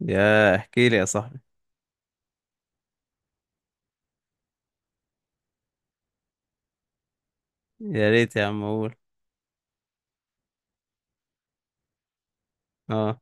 يا احكي لي يا صاحبي. يا ريت يا عم اقول. اه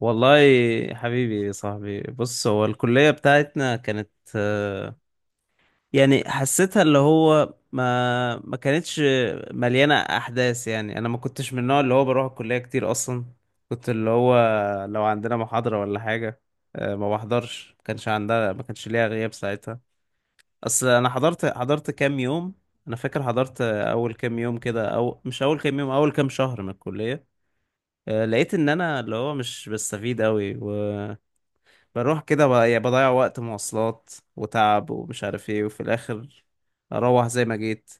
والله. حبيبي يا صاحبي، بص، هو الكلية بتاعتنا كانت، آه، يعني حسيتها اللي هو ما كانتش مليانة احداث، يعني انا ما كنتش من النوع اللي هو بروح الكلية كتير اصلا. كنت اللي هو لو عندنا محاضرة ولا حاجة، ما بحضرش، ما كانش عندها، ما كانش ليها غياب ساعتها. اصل انا حضرت كام يوم. انا فاكر حضرت اول كام يوم كده، او مش اول كام يوم، اول كام شهر من الكلية. لقيت ان انا اللي هو مش بستفيد قوي وبروح كده، يعني بضيع وقت مواصلات وتعب ومش عارف ايه، وفي الاخر اروح زي ما جيت.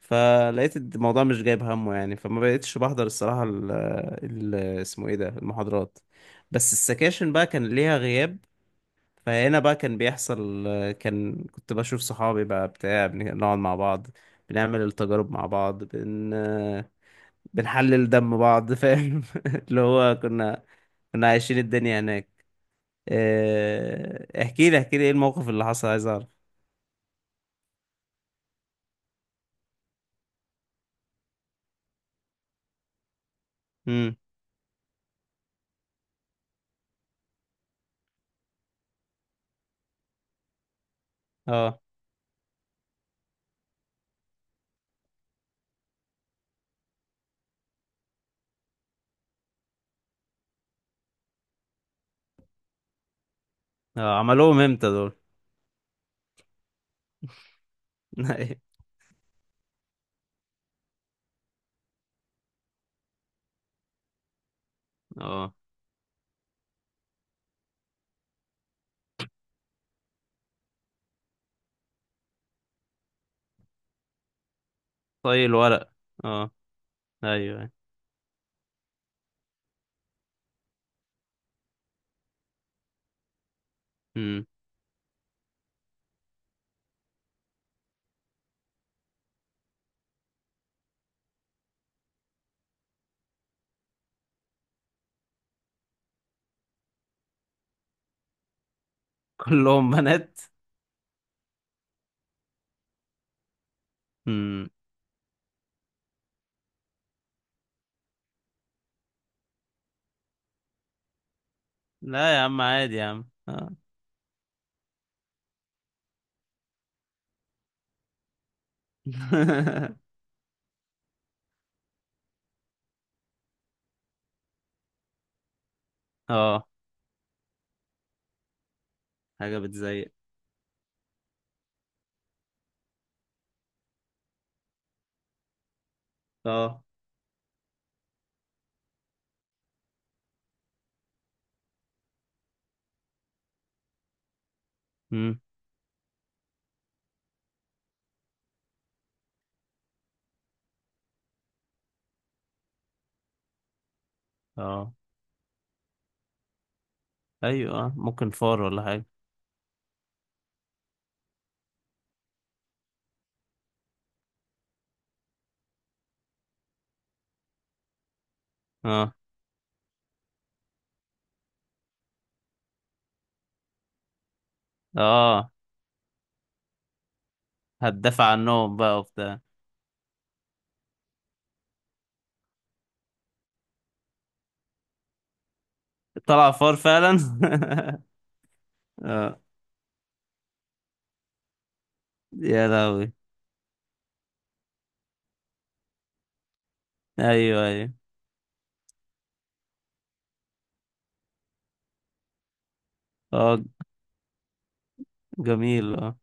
فلقيت الموضوع مش جايب همه يعني، فما بقيتش بحضر الصراحة اسمه ايه ده، المحاضرات. بس السكاشن بقى كان ليها غياب. فهنا بقى كان بيحصل، كنت بشوف صحابي بقى بتاع، بنقعد مع بعض، بنعمل التجارب مع بعض بنحلل دم بعض، فاهم؟ اللي هو كنا عايشين الدنيا هناك. احكي لي احكي لي ايه الموقف اللي حصل، عايز اعرف. امم. اه. اه عملوهم امتى دول؟ اه، طي الورق. اه. ايوه. امم. كلهم بنات. امم. لا يا عم، عادي يا عم، اه. اه. حاجة بتزيق؟ اه. امم. اه. ايوه آه. ممكن فار ولا حاجة. اه. اه، هتدافع عنهم بقى وبتاع. طلع فار فعلا. اه. يا لهوي. ايوه ايوه. اه، جميل اه.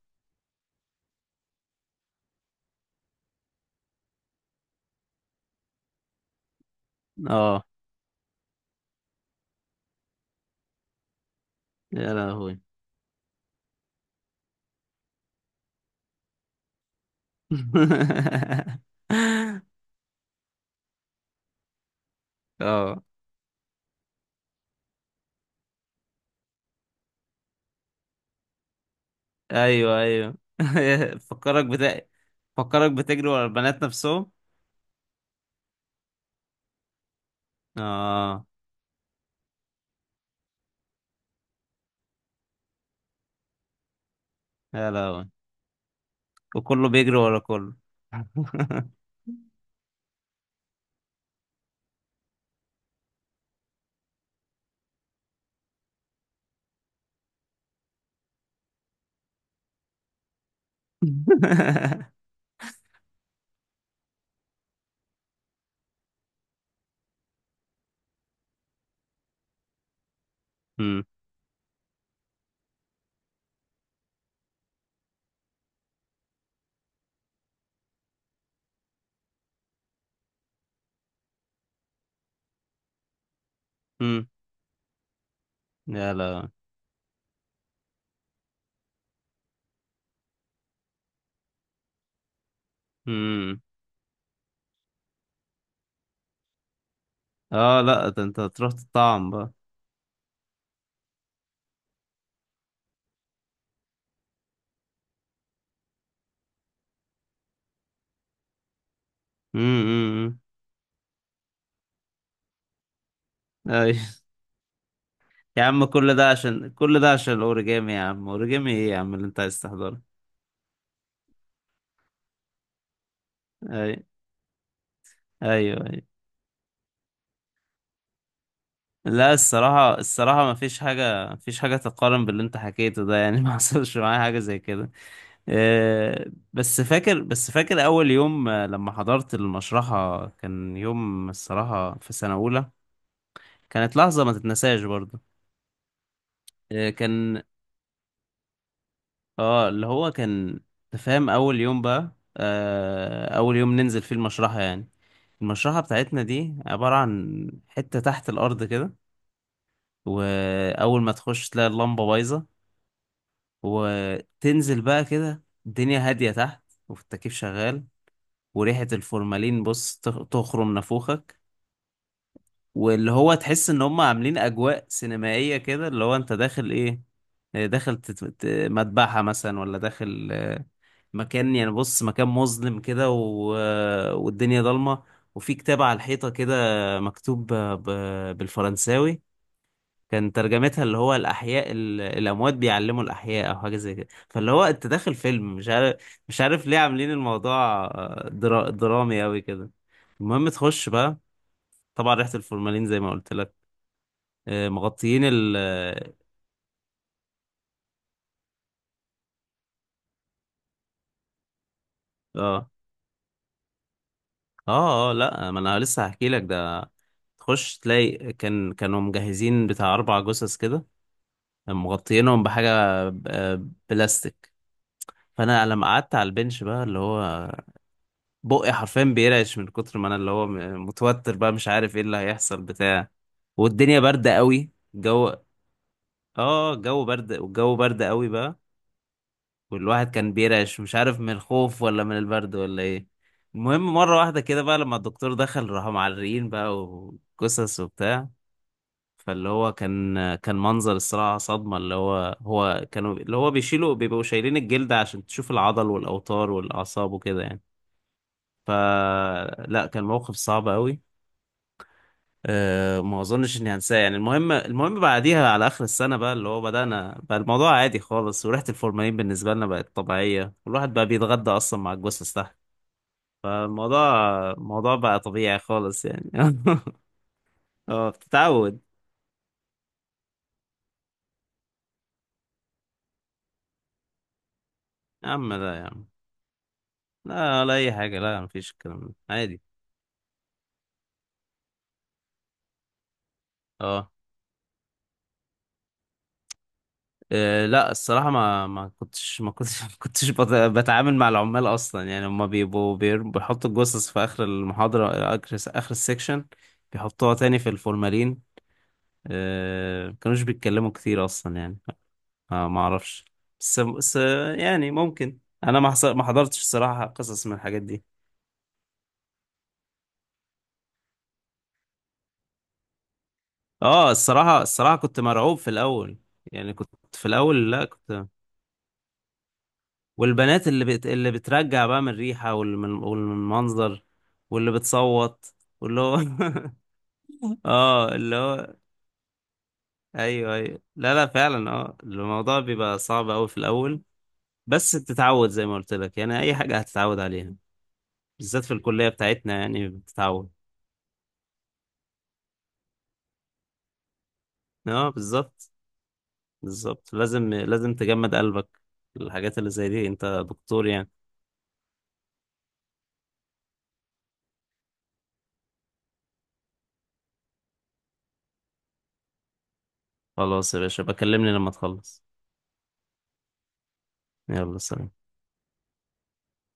اه. يا لهوي. اه. ايوه ايوه. فكرك بت... فكرك بتجري ورا البنات نفسهم. اه. يا لهوي. وكله بيجري ورا كله. امم. امم. يا لهوي. امم. اه لا، ده انت هتروح تطعم بقى. امم. ايوه. يا عم، كل ده عشان، كل ده عشان الاوريجامي يا عم، اوريجامي ايه يا عم اللي انت عايز تحضره؟ اي. ايوه ايوه. لا، الصراحة، الصراحة ما فيش حاجة، ما فيش حاجة تقارن باللي انت حكيته ده يعني، ما حصلش معايا حاجة زي كده. آه، بس فاكر أول يوم، لما حضرت المشرحة، كان يوم الصراحة، في سنة أولى. كانت لحظة ما تتنساش برضه. كان، اه اللي هو كان تفهم، أول يوم بقى، أول يوم ننزل فيه المشرحة يعني. المشرحة بتاعتنا دي عبارة عن حتة تحت الأرض كده، وأول ما تخش تلاقي اللمبة بايظة، وتنزل بقى كده الدنيا هادية تحت، والتكييف شغال، وريحة الفورمالين بص تخرم نافوخك، واللي هو تحس ان هم عاملين اجواء سينمائية كده، اللي هو انت داخل ايه؟ داخل مذبحة مثلا، ولا داخل مكان يعني، بص مكان مظلم كده والدنيا ضلمة، وفي كتاب على الحيطة كده مكتوب بالفرنساوي، كان ترجمتها اللي هو الأحياء الأموات بيعلموا الأحياء، أو حاجة زي كده، فاللي هو أنت داخل فيلم مش عارف. مش عارف ليه عاملين الموضوع درامي أوي كده. المهم تخش بقى، طبعا ريحة الفورمالين زي ما قلت لك، مغطيين ال. اه. اه. اه، لا ما انا لسه هحكي لك ده. تخش تلاقي كان كانوا مجهزين بتاع 4 جثث كده، مغطيينهم بحاجة، بلاستيك. فانا لما قعدت على البنش بقى، اللي هو بقي حرفيا بيرعش من كتر ما انا اللي هو متوتر بقى، مش عارف ايه اللي هيحصل بتاع، والدنيا باردة قوي الجو. اه، الجو برد، والجو برد قوي بقى، والواحد كان بيرعش مش عارف من الخوف ولا من البرد ولا ايه. المهم مرة واحدة كده بقى لما الدكتور دخل راحوا معرقين بقى، وقصص وبتاع، فاللي هو كان منظر الصراحة صدمة، اللي هو هو كانوا اللي هو بيشيلوا، بيبقوا شايلين الجلد عشان تشوف العضل والأوتار والأعصاب وكده يعني. فلا، كان موقف صعب قوي. أه، ما اظنش اني هنساه يعني. المهم بعديها على اخر السنه بقى، اللي هو بدانا بقى الموضوع عادي خالص، وريحه الفورمالين بالنسبه لنا بقت طبيعيه، والواحد بقى بيتغدى اصلا مع الجثث تحت. فالموضوع الموضوع بقى طبيعي خالص يعني. اه، بتتعود. يا عم لا يا عم، لا ولا اي حاجه، لا مفيش، الكلام ده عادي. اه. لا الصراحة، ما كنتش ما كنتش بتعامل مع العمال أصلا يعني، هما بيبقوا بيحطوا الجثث في آخر المحاضرة، آخر السكشن، بيحطوها تاني في الفورمالين. ما كانوش بيتكلموا كتير أصلا يعني. ما أعرفش. بس يعني ممكن. أنا ما حضرتش الصراحة قصص من الحاجات دي. اه، الصراحة، الصراحة كنت مرعوب في الأول. يعني كنت. في الأول لا كنت. والبنات اللي اللي بترجع بقى من الريحة والمنظر، المنظر، واللي بتصوت، واللي هو اه اللي هو. ايوه ايوه، لا لا فعلا، اه الموضوع بيبقى صعب قوي في الاول، بس بتتعود زي ما قلت لك يعني، اي حاجة هتتعود عليها، بالذات في الكلية بتاعتنا يعني بتتعود. اه بالظبط، بالظبط، لازم تجمد قلبك، الحاجات اللي زي دي، انت دكتور يعني. خلاص يا باشا، بكلمني لما تخلص. يلا سلام.